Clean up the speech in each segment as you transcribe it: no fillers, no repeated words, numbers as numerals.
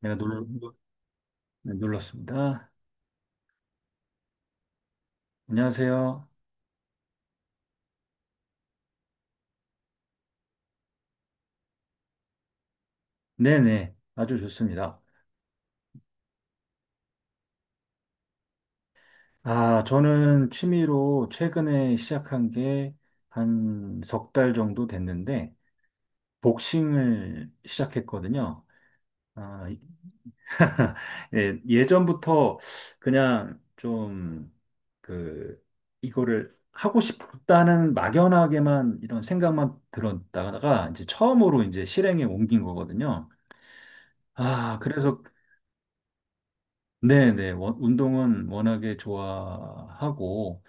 내가 놀, 놀- 네, 놀랐습니다. 안녕하세요. 네네, 아주 좋습니다. 아, 저는 취미로 최근에 시작한 게 한 석 달 정도 됐는데, 복싱을 시작했거든요. 아, 예, 예전부터 그냥 좀, 그, 이거를 하고 싶다는 막연하게만 이런 생각만 들었다가 이제 처음으로 이제 실행에 옮긴 거거든요. 아, 그래서 네네. 운동은 워낙에 좋아하고,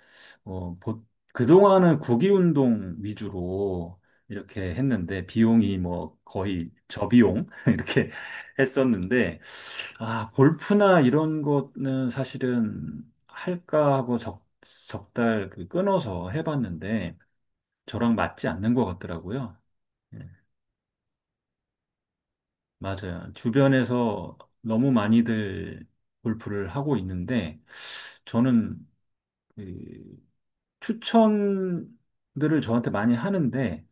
어, 보, 그동안은 구기 운동 위주로 이렇게 했는데, 비용이 뭐 거의 저비용? 이렇게 했었는데, 아, 골프나 이런 거는 사실은 할까 하고 적달 그 끊어서 해봤는데, 저랑 맞지 않는 것 같더라고요. 예, 맞아요. 주변에서 너무 많이들 골프를 하고 있는데, 저는 이 추천들을 저한테 많이 하는데,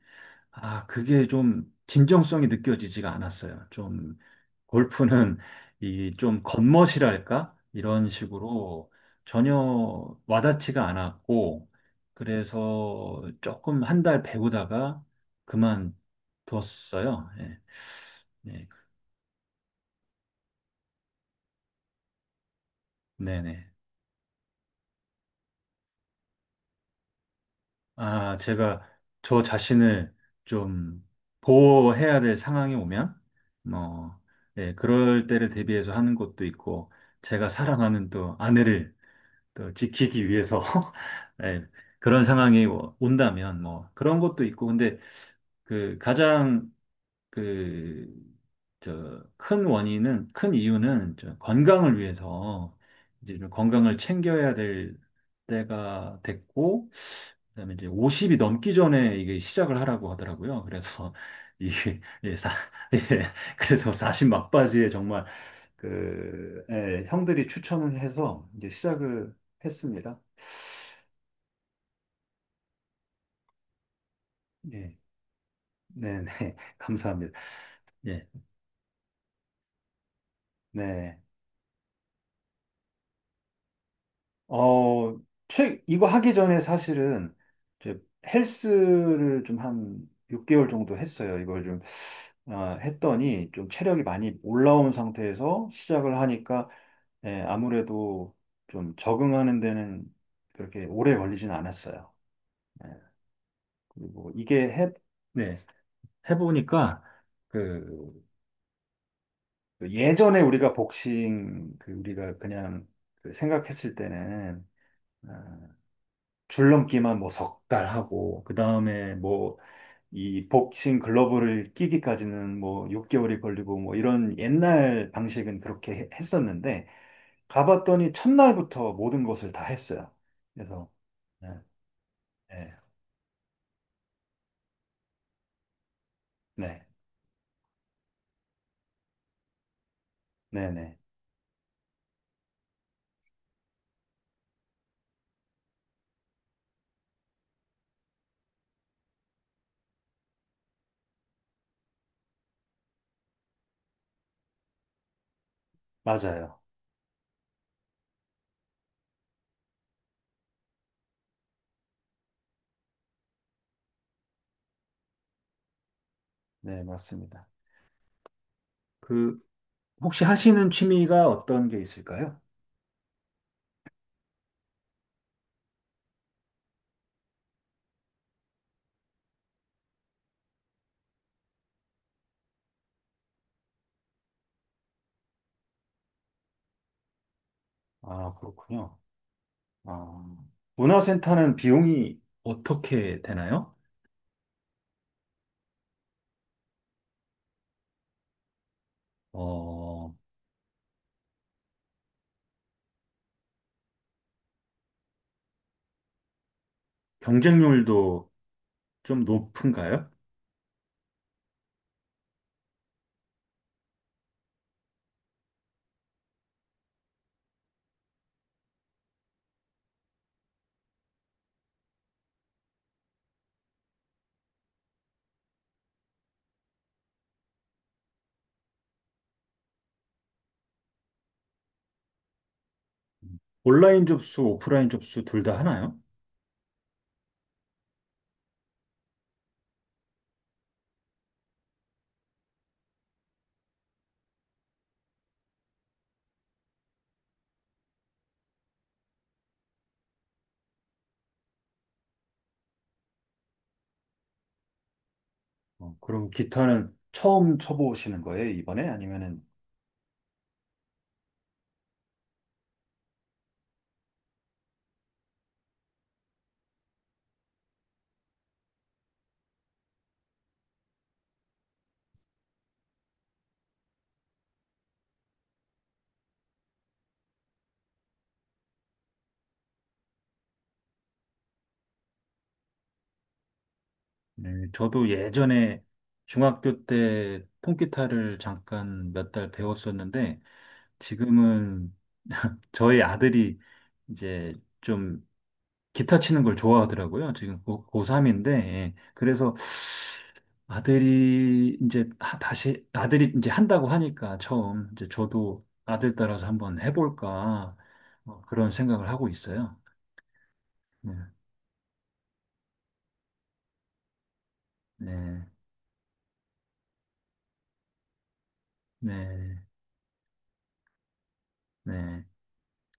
아, 그게 좀 진정성이 느껴지지가 않았어요. 좀 골프는 이 좀 겉멋이랄까? 이런 식으로 전혀 와닿지가 않았고, 그래서 조금 한 달 배우다가 그만뒀어요. 예, 네, 네네. 아, 제가 저 자신을 좀 보호해야 될 상황이 오면, 뭐, 예, 그럴 때를 대비해서 하는 것도 있고, 제가 사랑하는 또 아내를 또 지키기 위해서, 예, 그런 상황이 뭐 온다면, 뭐, 그런 것도 있고, 근데 그 가장 그, 큰 이유는 저 건강을 위해서 이제 좀 건강을 챙겨야 될 때가 됐고, 그다음에 이제 50이 넘기 전에 이게 시작을 하라고 하더라고요. 그래서 예, 예, 그래서 사십 막바지에 정말 예, 형들이 추천을 해서 이제 시작을 했습니다. 예, 네네. 감사합니다. 예, 네. 어, 이거 하기 전에 사실은 이제 헬스를 좀 한 6개월 정도 했어요. 이걸 좀 했더니 좀 체력이 많이 올라온 상태에서 시작을 하니까 예, 아무래도 좀 적응하는 데는 그렇게 오래 걸리진 않았어요. 예, 그리고 네, 해보니까 그, 그 예전에 우리가 그 우리가 그냥 그 생각했을 때는 아, 줄넘기만 뭐 석달 하고, 그 다음에 뭐 이 복싱 글러브를 끼기까지는 뭐 6개월이 걸리고 뭐 이런 옛날 방식은 그렇게 했었는데, 가봤더니 첫날부터 모든 것을 다 했어요. 그래서, 네, 네, 네, 네, 네. 맞아요. 네, 맞습니다. 그, 혹시 하시는 취미가 어떤 게 있을까요? 아, 그렇군요. 아, 문화센터는 비용이 어떻게 되나요? 어, 경쟁률도 좀 높은가요? 온라인 접수, 오프라인 접수 둘 다 하나요? 그럼 기타는 처음 쳐보시는 거예요, 이번에? 아니면은, 네, 저도 예전에 중학교 때 통기타를 잠깐 몇 달 배웠었는데 지금은 저희 아들이 이제 좀 기타 치는 걸 좋아하더라고요. 지금 고3인데, 그래서 다시 아들이 이제 한다고 하니까 처음 이제 저도 아들 따라서 한번 해볼까 그런 생각을 하고 있어요. 네, 네, 네. 네.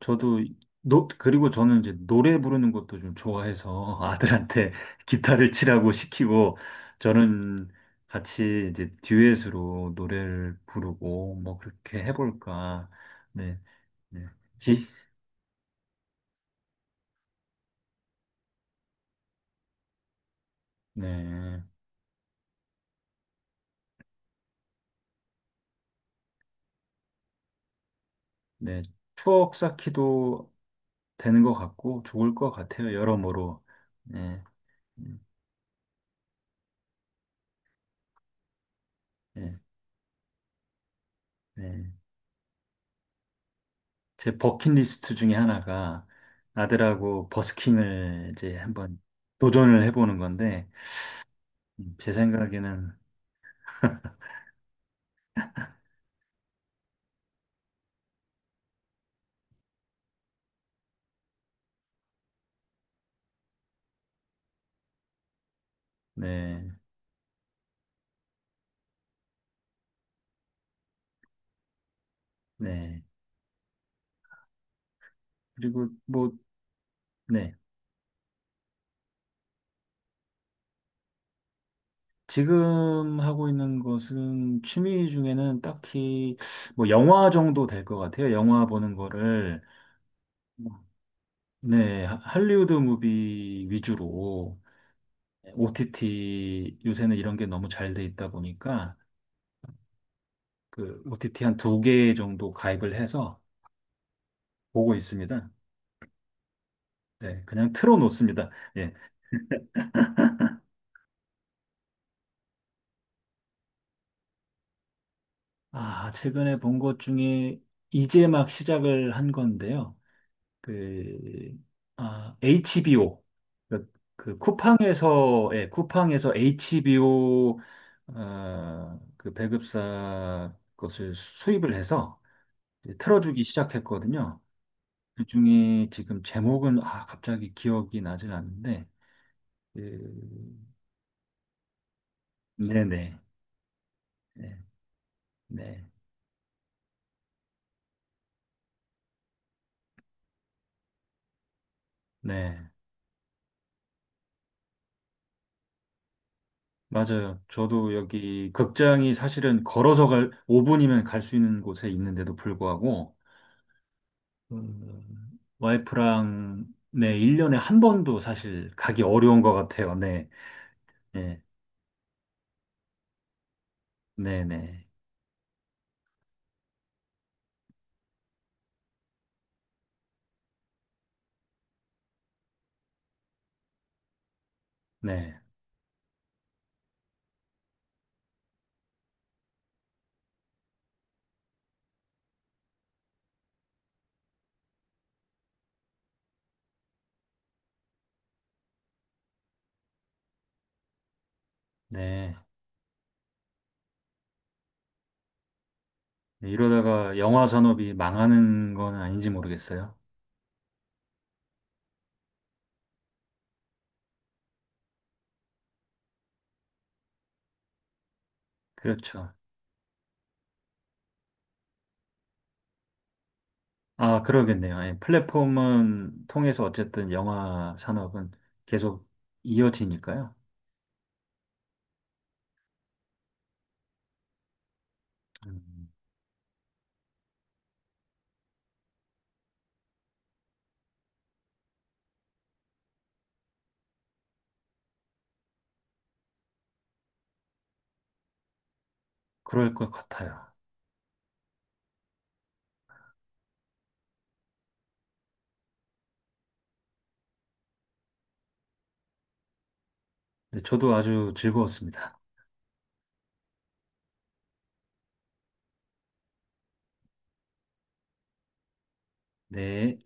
저도 노 그리고 저는 이제 노래 부르는 것도 좀 좋아해서 아들한테 기타를 치라고 시키고 저는 같이 이제 듀엣으로 노래를 부르고 뭐 그렇게 해볼까. 네, 네. 기, 네. 네, 추억 쌓기도 되는 것 같고 좋을 것 같아요. 여러모로. 네, 음, 네, 네. 제 버킷리스트 중에 하나가 아들하고 버스킹을 이제 한번 도전을 해보는 건데 제 생각에는 네, 네. 그리고 뭐 네. 지금 하고 있는 것은 취미 중에는 딱히 뭐 영화 정도 될 것 같아요. 영화 보는 거를 네, 할리우드 무비 위주로 OTT 요새는 이런 게 너무 잘 돼 있다 보니까 그 OTT 한 두 개 정도 가입을 해서 보고 있습니다. 네, 그냥 틀어 놓습니다. 예. 아, 최근에 본 것 중에 이제 막 시작을 한 건데요. 그, 아, HBO. 그, 그 쿠팡에서, 예, 쿠팡에서 HBO, 그 배급사 것을 수입을 해서 이제 틀어주기 시작했거든요. 그중에 지금 제목은 아 갑자기 기억이 나질 않는데 그, 네네 네, 네, 네. 맞아요. 저도 여기 극장이 사실은 걸어서 갈 5분이면 갈 수 있는 곳에 있는데도 불구하고 와이프랑 네 1년에 한 번도 사실 가기 어려운 것 같아요. 네, 네, 네, 네, 네, 네. 이러다가 영화 산업이 망하는 건 아닌지 모르겠어요. 그렇죠. 아, 그러겠네요. 예, 플랫폼은 통해서 어쨌든 영화 산업은 계속 이어지니까요. 음, 그럴 것 같아요. 네, 저도 아주 즐거웠습니다. 네.